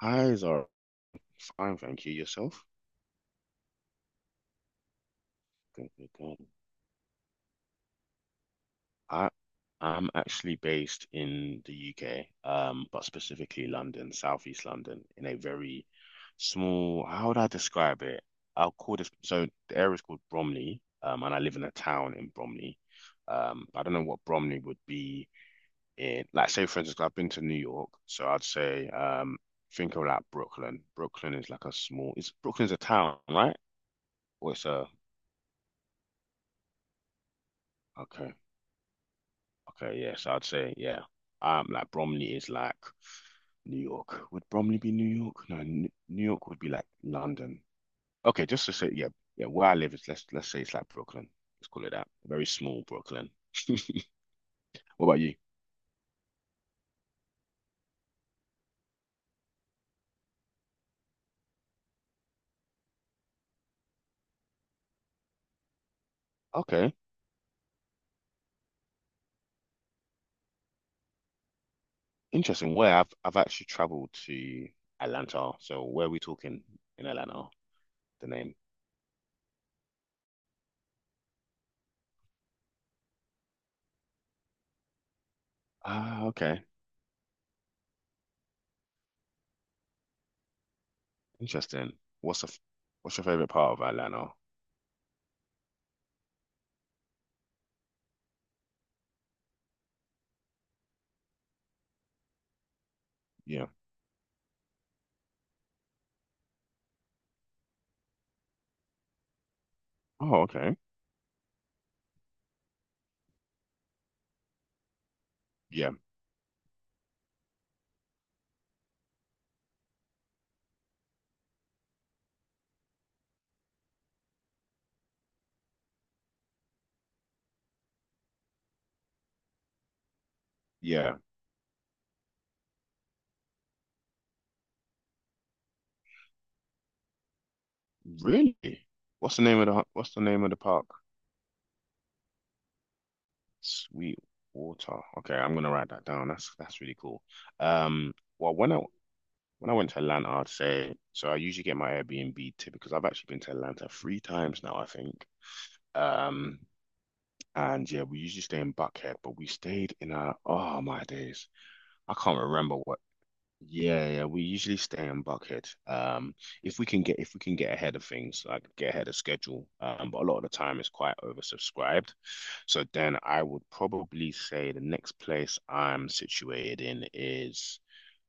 Eyes are fine, thank you. Yourself? Good, good, good. I I'm actually based in the UK, but specifically London, Southeast London, in a very small, how would I describe it? I'll call this, so the area is called Bromley, and I live in a town in Bromley. I don't know what Bromley would be in, like, say, for instance, I've been to New York, so I'd say, think of like Brooklyn. Brooklyn is like a small, it's Brooklyn's a town, right? Or it's a, okay. Okay, yes, I'd say yeah. Like Bromley is like New York. Would Bromley be New York? No, New York would be like London. Okay, just to say yeah, yeah. Where I live is let's say it's like Brooklyn. Let's call it that. Very small Brooklyn. What about you? Okay, interesting. Where I've actually traveled to Atlanta. So where are we talking in Atlanta? The name. Ah, okay, interesting. What's the f- what's your favorite part of Atlanta? Yeah. Oh, okay. Yeah, yeah. Really? What's the name of the park? Sweetwater. Okay, I'm gonna write that down. That's really cool. Well, when I went to Atlanta, I'd say so. I usually get my Airbnb tip because I've actually been to Atlanta 3 times now, I think. Um, and yeah, we usually stay in Buckhead, but we stayed in a oh my days, I can't remember what. Yeah, yeah, we usually stay in Buckhead. If we can get ahead of things, like get ahead of schedule. But a lot of the time it's quite oversubscribed. So then I would probably say the next place I'm situated in is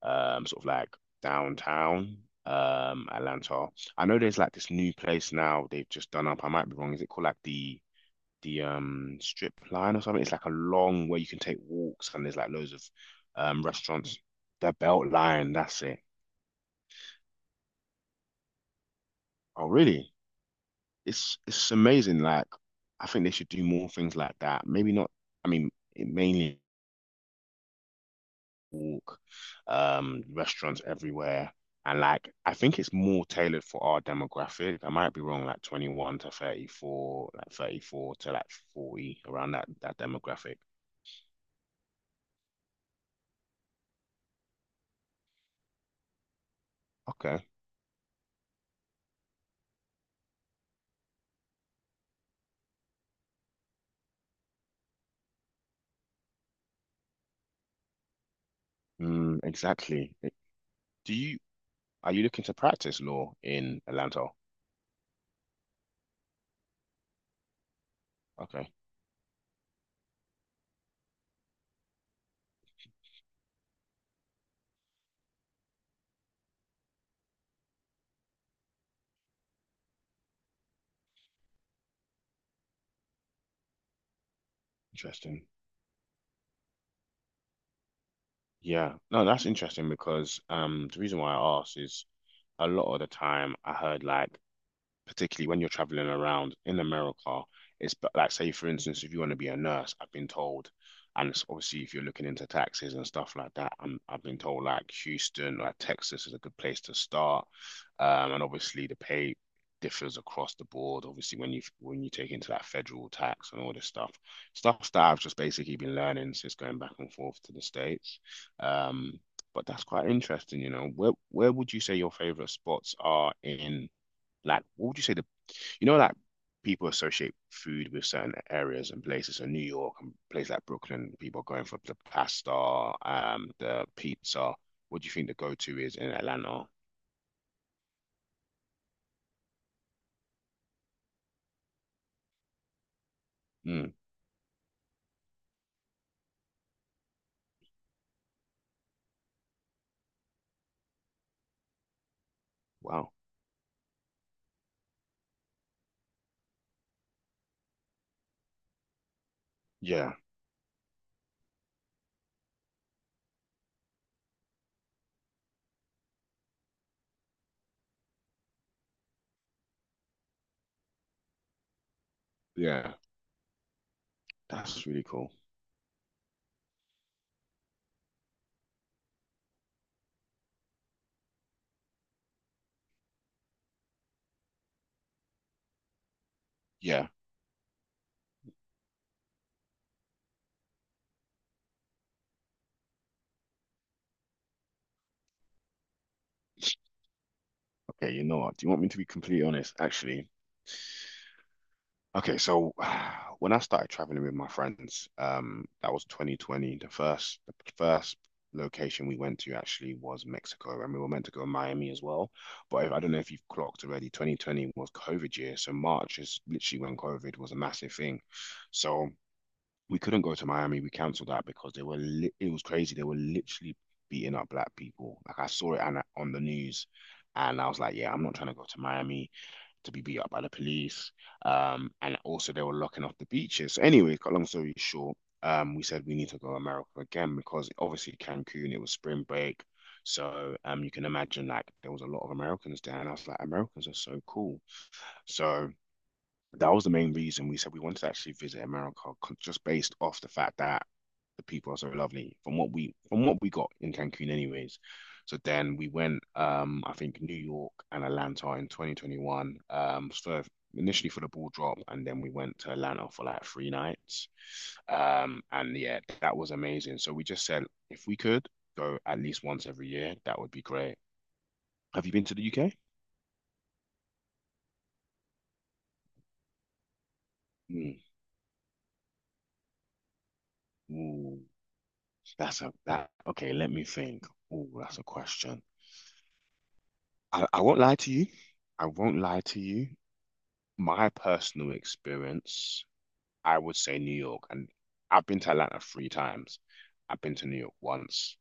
sort of like downtown Atlanta. I know there's like this new place now they've just done up. I might be wrong. Is it called like the strip line or something. It's like a long way you can take walks and there's like loads of restaurants. The Belt Line, that's it. Oh, really? It's amazing. Like I think they should do more things like that. Maybe not. I mean, it mainly walk, restaurants everywhere, and like I think it's more tailored for our demographic. I might be wrong, like 21 to 34, like 34 to like 40, around that demographic. Okay. Mm, exactly. Do you Are you looking to practice law in Atlanta? Okay, interesting. Yeah, no, that's interesting because the reason why I asked is a lot of the time I heard like particularly when you're traveling around in America, it's but like say for instance, if you want to be a nurse, I've been told, and it's obviously if you're looking into taxes and stuff like that, I've been told like Houston, like Texas is a good place to start, and obviously the pay differs across the board. Obviously when you take into that federal tax and all this stuff, stuff that I've just basically been learning since going back and forth to the States, um. But that's quite interesting, you know. Where would you say your favorite spots are in like, what would you say the, you know, like people associate food with certain areas and places. So New York and places like Brooklyn, people are going for the pasta, the pizza. What do you think the go-to is in Atlanta? Mm, wow. Yeah. Yeah. That's really cool. Yeah. Okay, you know what? Do you want me to be completely honest? Actually, okay, so when I started traveling with my friends, that was 2020. The first location we went to actually was Mexico, and we were meant to go to Miami as well. But if, I don't know if you've clocked already, 2020 was COVID year, so March is literally when COVID was a massive thing. So we couldn't go to Miami. We cancelled that because they were li it was crazy. They were literally beating up black people. Like I saw it on the news, and I was like, yeah, I'm not trying to go to Miami to be beat up by the police. And also they were locking off the beaches. So anyway, long story short, we said we need to go to America again because obviously Cancun, it was spring break. So you can imagine like there was a lot of Americans there, and I was like, Americans are so cool. So that was the main reason we said we wanted to actually visit America, just based off the fact that the people are so lovely from what we got in Cancun anyways. So then we went I think New York and Atlanta in 2021 for initially for the ball drop, and then we went to Atlanta for like 3 nights. And yeah, that was amazing. So we just said if we could go at least once every year, that would be great. Have you been to the UK? Hmm. Ooh, that's a that okay, let me think. Oh, that's a question. I won't lie to you. I won't lie to you. My personal experience, I would say New York, and I've been to Atlanta three times. I've been to New York once,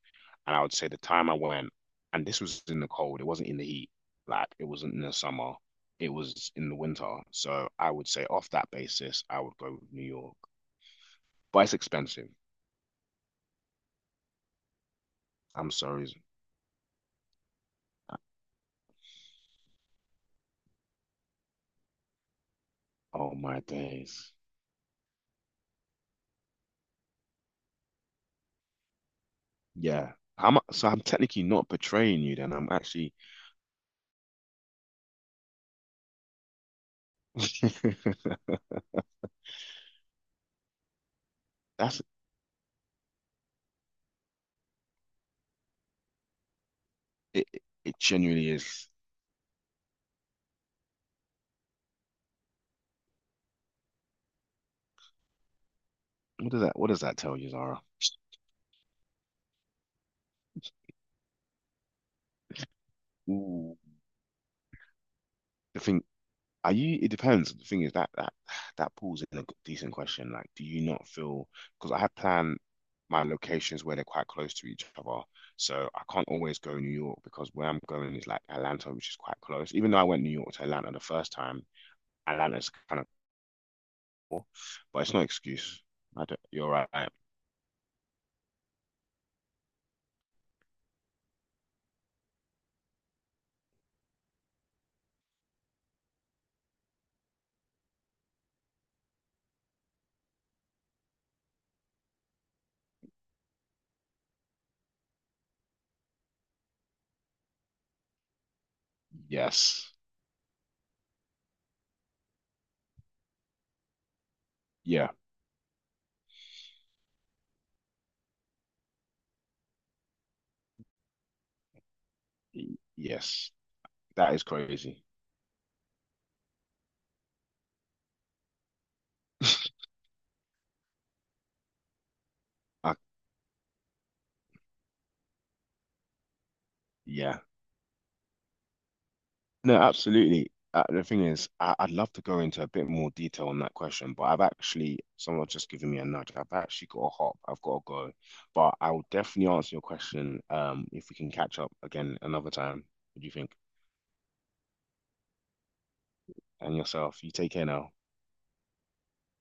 and I would say the time I went, and this was in the cold, it wasn't in the heat, like it wasn't in the summer, it was in the winter. So I would say off that basis, I would go with New York, but it's expensive. I'm sorry. Oh my days. Yeah. How much? So I'm technically not betraying you then. I'm actually. That's it. It genuinely is. What does that tell you, Zara? Ooh. The thing are you it depends. The thing is that pulls in a decent question. Like, do you not feel because I have planned my locations where they're quite close to each other. So I can't always go New York because where I'm going is like Atlanta, which is quite close. Even though I went New York to Atlanta the first time, Atlanta's kind of cool, but it's no excuse. I don't, you're right. I- yes. Yeah. Y- Yes. That is crazy. I, yeah. No, absolutely. The thing is, I'd love to go into a bit more detail on that question, but someone's just given me a nudge. I've actually got to hop. I've got to go. But I will definitely answer your question, if we can catch up again another time. What do you think? And yourself, you take care now.